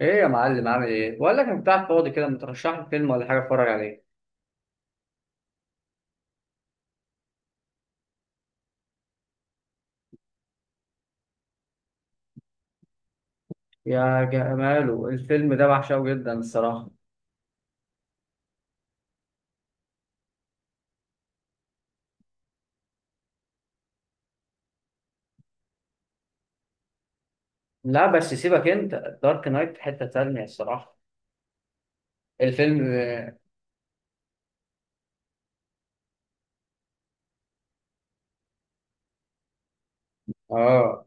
ايه يا معلم، عامل ايه؟ بقول لك انت قاعد فاضي كده، ما ترشح لي فيلم ولا حاجه اتفرج عليه. يا جماله الفيلم ده، بعشقه جدا الصراحه. لا بس سيبك انت. دارك نايت في حته تانية الصراحه الفيلم. اه.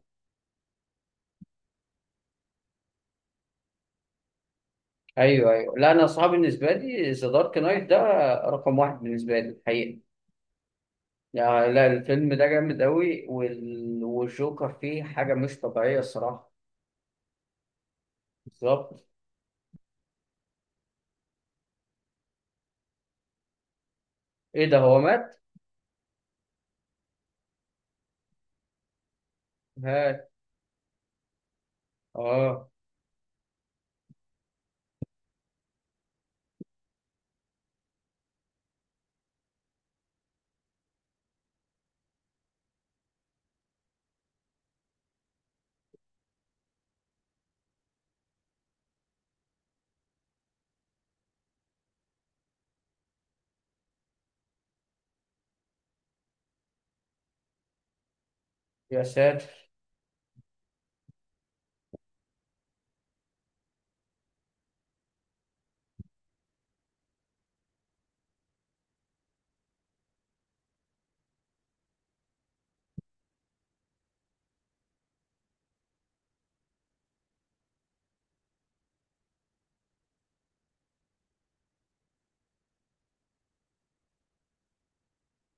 ايوه ايوه، لا انا صعب بالنسبه لي ذا دارك نايت ده رقم واحد بالنسبه لي الحقيقه. يعني لا، الفيلم ده جامد قوي، والجوكر فيه حاجه مش طبيعيه الصراحه. بالظبط. ايه ده هو مات؟ هات. اه. يا ساتر.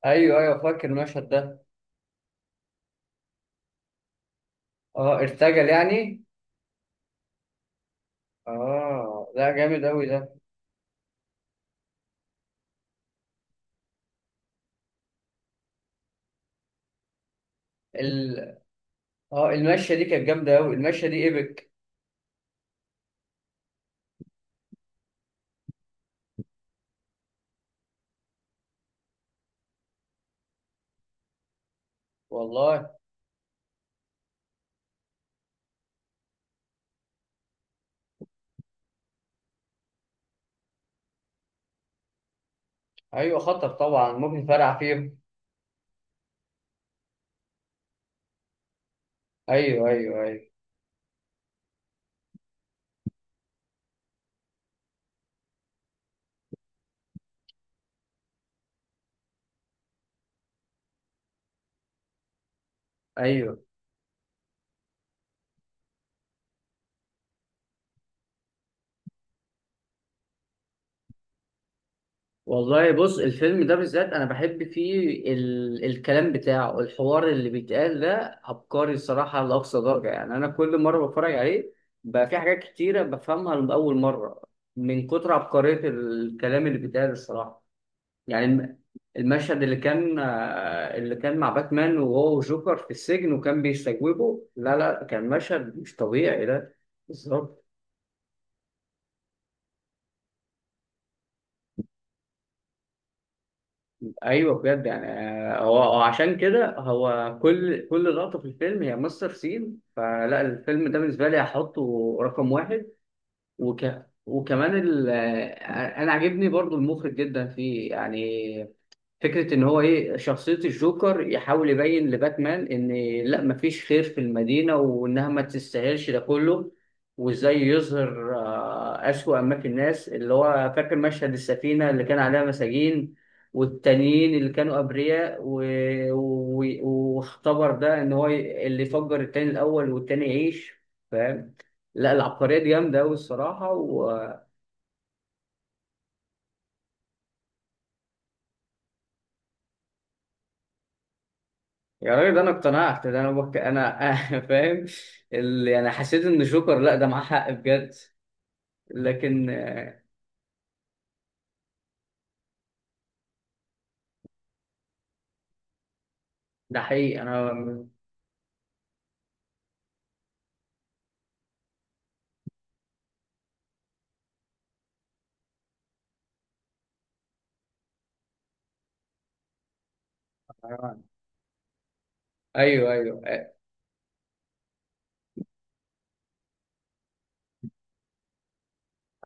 ايوه ايوه فاكر المشهد ده. اه، ارتجل يعني. اه لا، جامد قوي ده. ال... اه، المشيه دي كانت جامده قوي، المشيه دي ايبك. والله. ايوه خطر طبعا، ممكن فرع فيهم. ايوه ايوه ايوه. ايوه والله، بص الفيلم ده بالذات انا بحب فيه. الكلام بتاعه، الحوار اللي بيتقال ده عبقري الصراحه لاقصى درجه. يعني انا كل مره بتفرج عليه بقى في حاجات كتيره بفهمها لاول مره، من كتر عبقريه الكلام اللي بيتقال الصراحه. يعني المشهد اللي كان، اللي كان مع باتمان، وهو وجوكر في السجن وكان بيستجوبه، لا لا كان مشهد مش طبيعي ده. بالظبط. ايوه بجد يعني. هو عشان كده، هو كل لقطه في الفيلم هي ماستر سين، فلا الفيلم ده بالنسبه لي هحطه رقم واحد. وك وكمان، انا عاجبني برضو المخرج جدا فيه يعني. فكرة إن هو إيه، شخصية الجوكر يحاول يبين لباتمان إن، لأ مفيش خير في المدينة وإنها ما تستاهلش ده كله. وإزاي يظهر أسوأ ما في الناس، اللي هو فاكر مشهد السفينة اللي كان عليها مساجين، والتانيين اللي كانوا أبرياء و... واختبر ده إن هو اللي يفجر التاني الأول والتاني يعيش. فاهم؟ لأ العبقرية دي جامدة أوي الصراحة. يا راجل ده انا اقتنعت، ده انا فاهم. اللي انا حسيت ان جوكر، لا ده معاه حق بجد، لكن ده حقيقي انا. ايوه ايوه.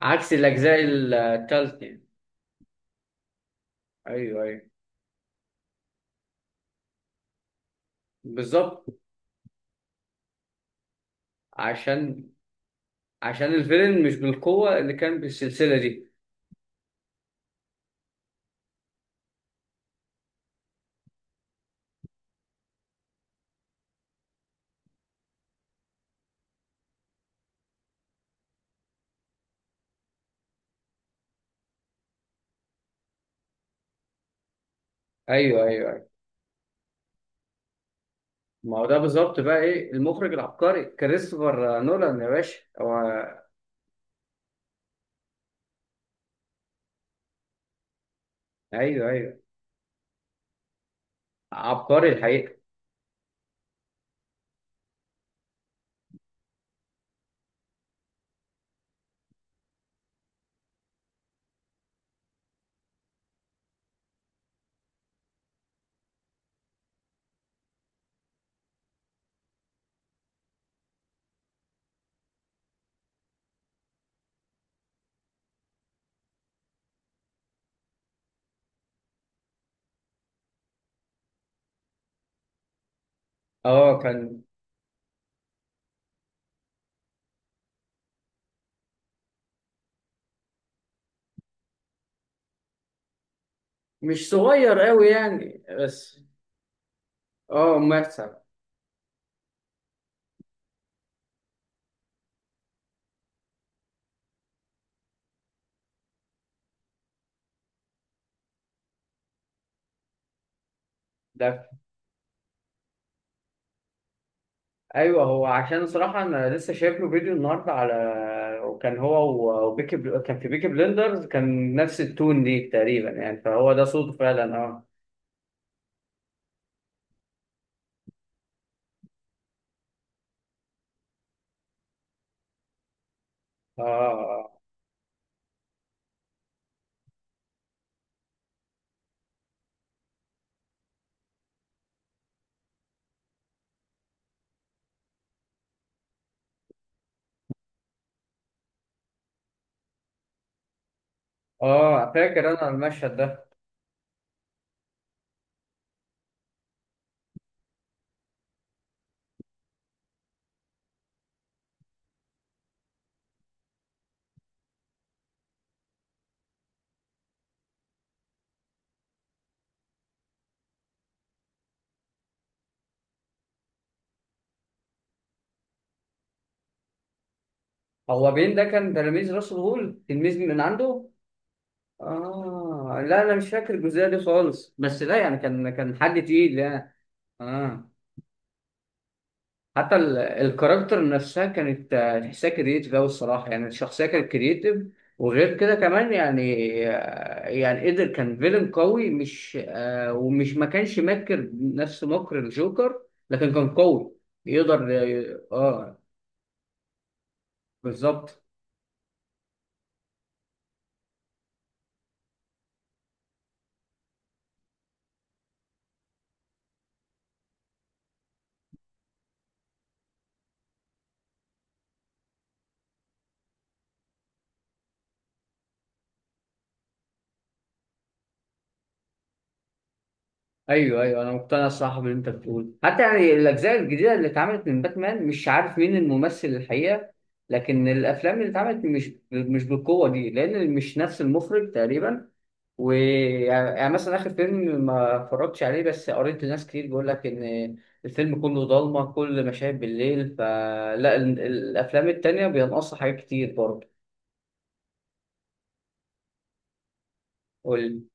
عكس الاجزاء الثالثه. ايوه ايوه. بالظبط. عشان. الفيلم مش بالقوه اللي كان بالسلسله دي. ايوه ايوه ايوه. ما هو ده بالظبط بقى، ايه المخرج العبقري كريستوفر نولان يا باشا هو. ايوه ايوه. عبقري الحقيقه. اه. كان مش صغير قوي يعني بس. اه. ممثل. ده، ايوه هو. عشان صراحه انا لسه شايف له فيديو النهارده على، وكان هو، كان في بيكي بلندرز، كان نفس التون دي تقريبا، يعني فهو ده صوته فعلا. اه اه اه. اه، فاكر انا المشهد ده. هو بين ده كان تلميذ راسل هول؟ تلميذ من عنده؟ اه لا، انا مش فاكر الجزئيه دي خالص، بس لا يعني كان حد تقيل يعني. اه. حتى الكاركتر نفسها كانت، تحسها كرييتيف أوي الصراحة. يعني الشخصية كانت كرييتيف، وغير كده كمان يعني، يعني قدر كان فيلن قوي، مش ومش، ما كانش ماكر نفس مكر الجوكر، لكن كان قوي. يقدر. اه. بالظبط. ايوه ايوه، انا مقتنع الصراحه باللي انت بتقوله. حتى يعني الاجزاء الجديده اللي اتعملت من باتمان، مش عارف مين الممثل الحقيقه، لكن الافلام اللي اتعملت مش بالقوه دي، لان مش نفس المخرج تقريبا. ويعني مثلا آخر فيلم ما اتفرجتش عليه، بس قريت ناس كتير بيقول لك إن الفيلم كله ضلمة، كل مشاهد بالليل، فلا الأفلام التانية بينقصها حاجات كتير برضه. قول.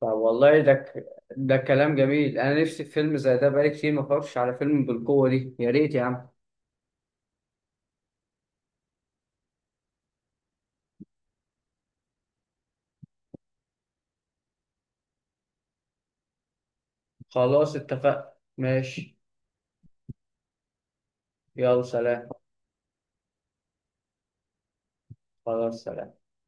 والله ده ده كلام جميل. أنا نفسي في فيلم زي ده، بقالي كتير ما اتفرجتش على فيلم بالقوة دي. يا ريت يا عم. خلاص اتفقنا ماشي. يلا سلام. خلاص سلام.